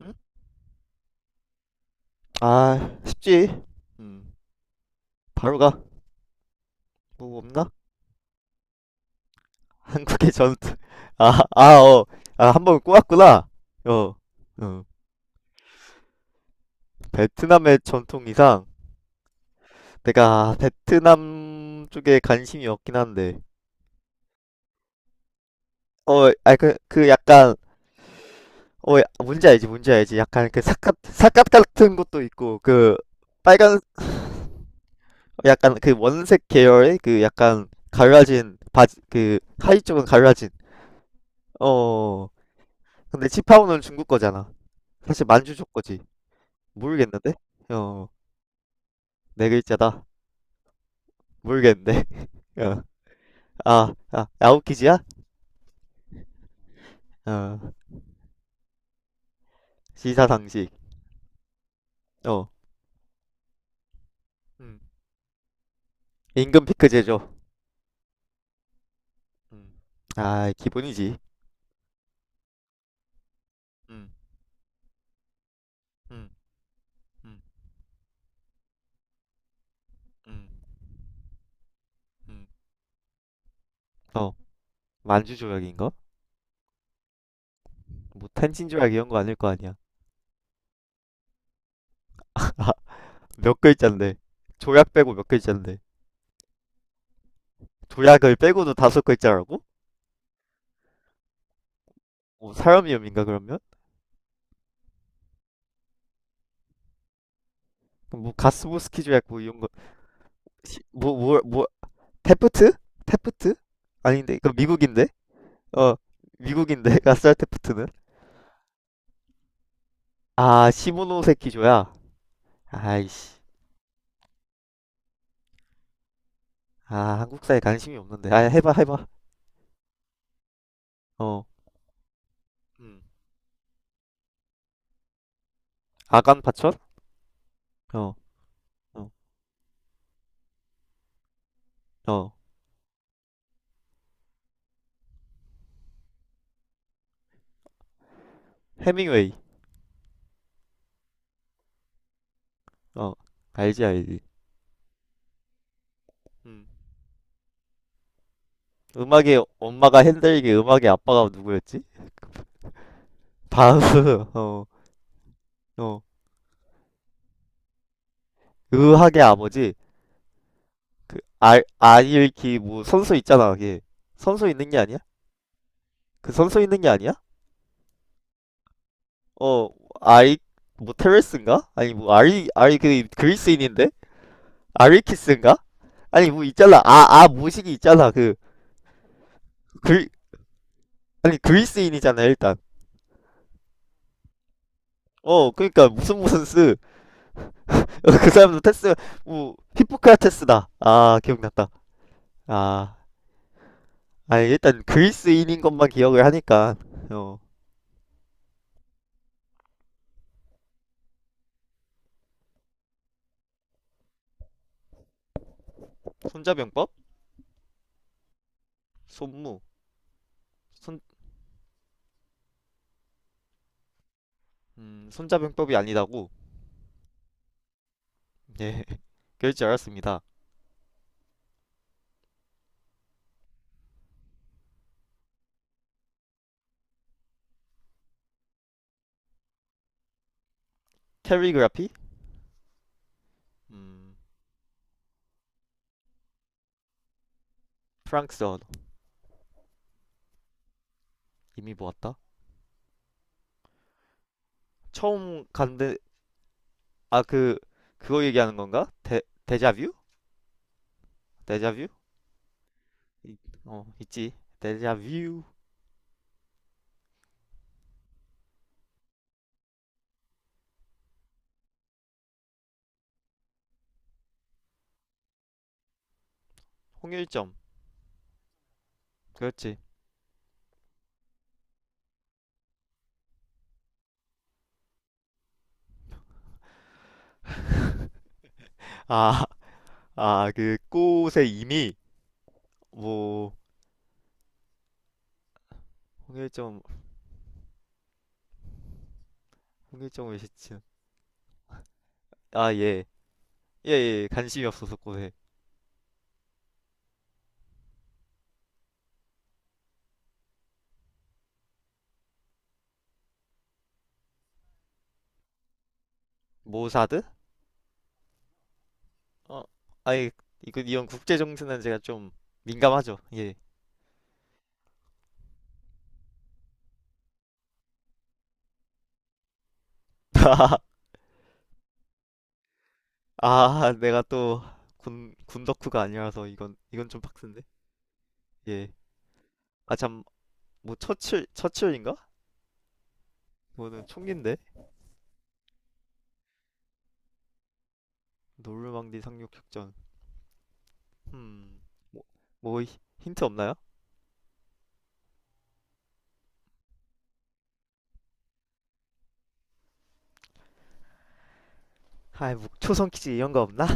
응? 아, 쉽지. 음, 바로 가. 뭐 없나? 한국의 전투. 어. 아, 한 번 꼬았구나. 어, 어. 베트남의 전통이상 내가 베트남 쪽에 관심이 없긴 한데. 어, 아, 그 약간, 어, 뭔지 알지, 뭔지 알지. 약간 그 사각, 사각 같은 것도 있고, 그 빨간, 약간 그 원색 계열의 그 약간 갈라진 바지, 그 하의 쪽은 갈라진. 어, 근데 치파오는 중국 거잖아. 사실 만주족 거지. 모르겠는데? 어, 네 글자다. 모르겠는데. 어, 아웃키즈야? 어, 시사 상식. 어, 음. 임금 피크 제조. 음, 아, 기본이지. 음, 음, 음, 음, 음. 어, 만주 조약인가? 뭐 텐신 조약 이런 거 아닐 거 아니야. 몇 글자인데? 조약 빼고 몇 글자인데? 조약을 빼고도 다섯 글자라고? 뭐 사람 이름인가 그러면? 그럼 뭐 가스보스키 조약 뭐 이런 거, 뭐, 테프트? 테프트? 아닌데 그 미국인데? 어 미국인데 가스알 테프트는? 아 시모노세키조야. 아이씨. 아 한국사에 관심이 없는데. 아 해봐 해봐. 어. 음. 아간 파천? 어. 어. 어. 해밍웨이. 어. 알지 알지. 음. 음악의 엄마가 핸델이게 음악의 아빠가 누구였지? 바흐. 어. 어. 의학의 아버지. 그 알, 아일키 뭐 선수 있잖아. 걔. 선수 있는 게 아니야? 그 선수 있는 게 아니야? 어, 아이, 뭐, 테레스인가? 아니, 뭐, 아리, 그, 그리스인인데? 아리키스인가? 아니, 뭐, 있잖아. 아, 모식이 있잖아. 그, 그리, 아니, 그리스인이잖아, 일단. 어, 그니까, 무슨 쓰. 그 사람도 테스, 뭐, 히포크라테스다. 아, 기억났다. 아, 아니, 일단, 그리스인인 것만 기억을 하니까. 어, 손자병법? 손무. 손, 손자병법이 아니다고. 예, 그럴 줄 알았습니다. 캐리그라피? 음, 프랑스어. 이미 보았다. 처음 간데 아 그거 얘기하는 건가? 데 데자뷰? 데자뷰? 이- 어 있지. 데자뷰 홍일점 그렇지. 아 아 그 꽃의 이미 뭐 홍일점 홍일점 외시츠 아예예예 예, 예. 예. 관심이 없어서 꽃에 모사드? 어 아니 이거 이런 국제 정세는 제가 좀 민감하죠. 예. 아, 내가 또 군 덕후가 아니라서 이건 좀 빡센데. 예. 아 참, 뭐 처칠인가? 뭐는 총기인데 노르망디 상륙작전. 음. 뭐 히- 힌트 없나요? 아이 뭐 초성 퀴즈 이런 거 없나?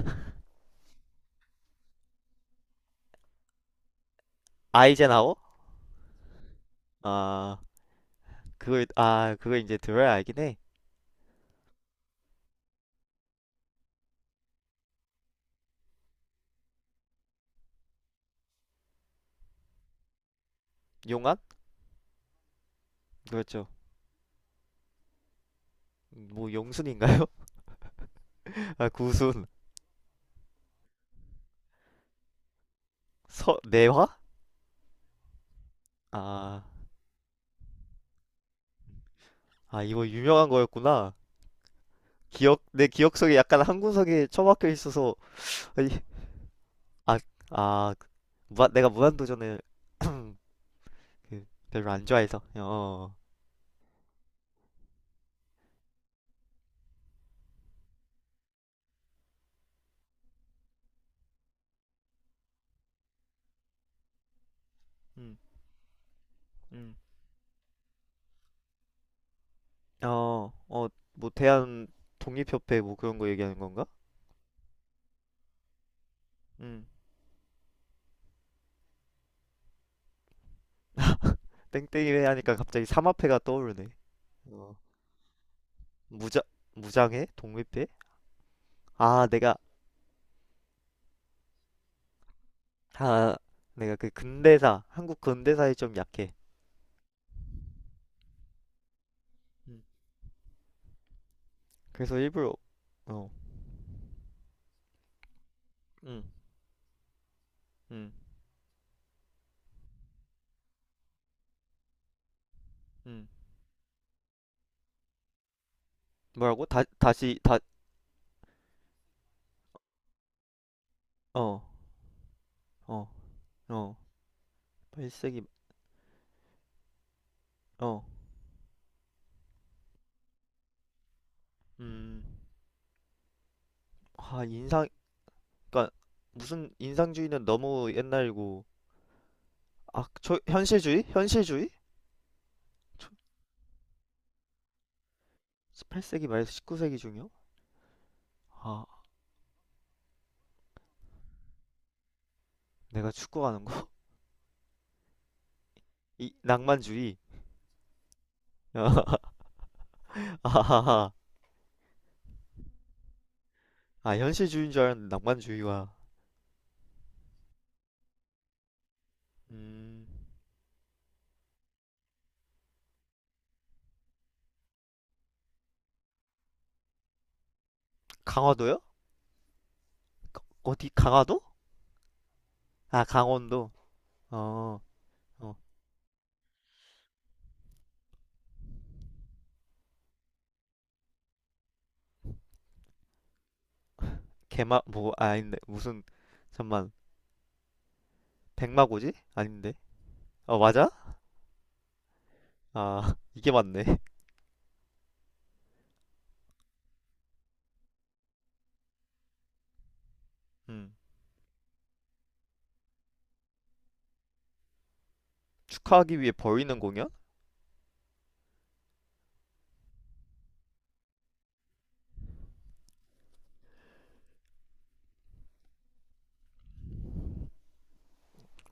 아이젠하워? 아 아 그거 이제 들어야 알긴 해. 용안? 그렇죠. 뭐 용순인가요? 아 구순 서 내화? 아 아 이거 유명한 거였구나. 기억 속에 약간 한군석에 처박혀 있어서 아이, 아, 아 내가 무한도전을 그 별로 안 좋아해서 어. 음, 음. 어, 어, 뭐 대한 독립협회 뭐 그런 거 얘기하는 건가? 음, 땡땡이회 하니까 갑자기 삼합회가 떠오르네. 어, 무장 무장회? 독립회? 아, 내가 아, 내가 그 근대사 한국 근대사에 좀 약해. 음, 그래서 일부러 어, 음, 음, 음. 뭐라고? 다 다시 다 어, 어, 어. 8세기 어, 음, 아 인상 그러니까 무슨 인상주의는 너무 옛날이고. 아, 저 현실주의? 현실주의? 18세기 말에서 19세기 중이요? 아, 내가 축구하는 거? 이 낭만주의. 아하하. 아, 현실주의인 줄 알았는데 낭만주의와. 음, 강화도요? 어디 강화도? 아, 강원도. 어, 어, 개마 뭐 아닌데 무슨 잠만 백마고지? 아닌데. 어, 맞아? 아, 이게 맞네. 음, 축하하기 위해 벌이는 공연?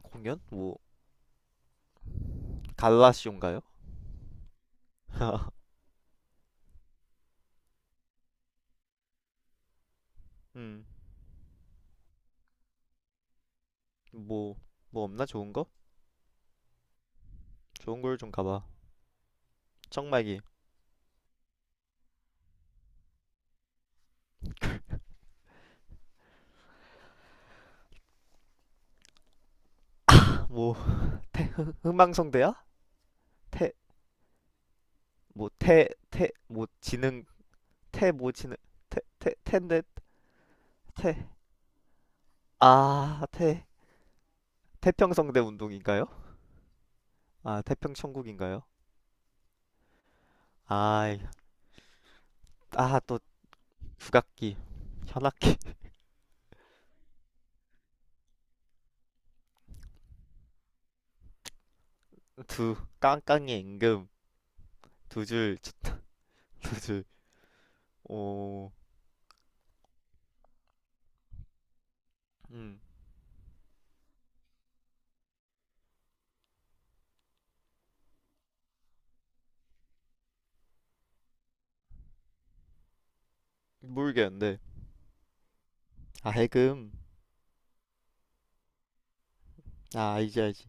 공연? 뭐 갈라시온가요? 음, 뭐 뭐 없나 좋은 거? 좋은 걸 좀 가봐. 정말기. 뭐 태, 흥- 흥망성대야? 태, 뭐 태, 뭐 지능, 태, 뭐 지능, 태, 텐데, 태, 아, 태, 태평성대 운동인가요? 아, 태평천국인가요? 아, 이- 아, 또 국악기, 현악기, 두, 깡깡이 임금, 두 줄, 두 줄, 오, 음, 모르겠는데. 아, 해금, 아, 알지, 알지.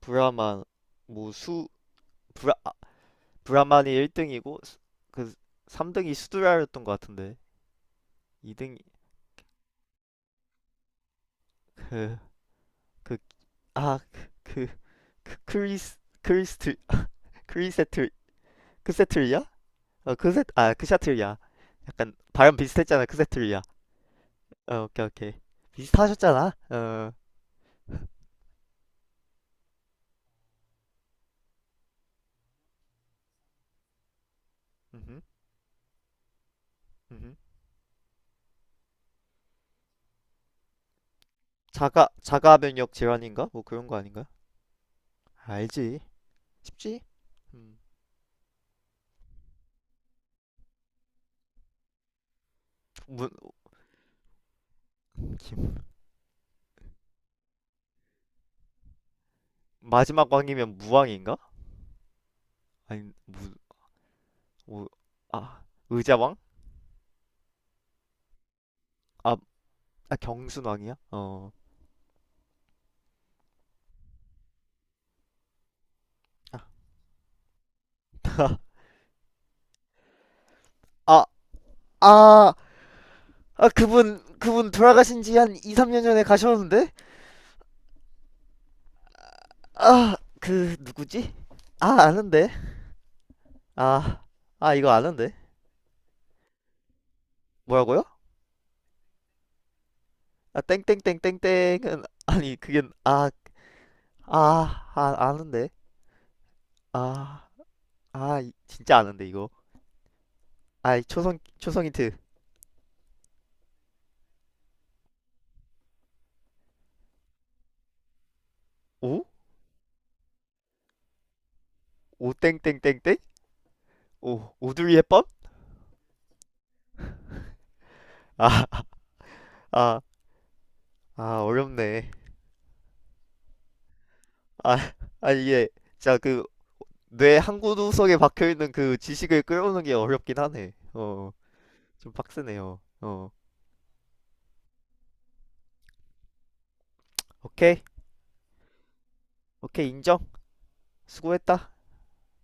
브라만, 뭐 수, 브라, 브라만이 1등이고, 그 3등이 수두라였던 것 같은데. 2등, 그, 그, 아, 그, 그 크리스트, 크리세틀, 크세트리야 어, 크세, 아, 크샤트리야 약간 발음 비슷했잖아, 크세트리야 어, 오케이, 오케이. 비슷하셨잖아. 어, 음흠, 음흠. 자가면역 질환인가? 뭐 그런 거 아닌가? 알지. 쉽지? 음, 무, 마지막 왕이면 무왕인가? 아니, 뭐, 아, 의자왕? 아, 아 경순왕이야? 어. 아, 아, 아, 아 그분 돌아가신 지 한 2, 3년 전에 가셨는데? 아 그 누구지? 아 아는데. 아. 아 이거 아는데. 뭐라고요? 아 땡땡땡땡땡은 아니 그게 아 아는데. 아. 아 진짜 아는데 이거. 아 초성 힌트. 오? 오 땡땡땡땡? 오 오두리 햇번? 아. 아. 아 어렵네. 아. 아 이게 진짜 그 뇌 한 구석에 박혀 있는 그 지식을 끌어오는 게 어렵긴 하네. 어. 어. 좀 빡세네요. 어. 오케이. 오케이. 인정. 수고했다.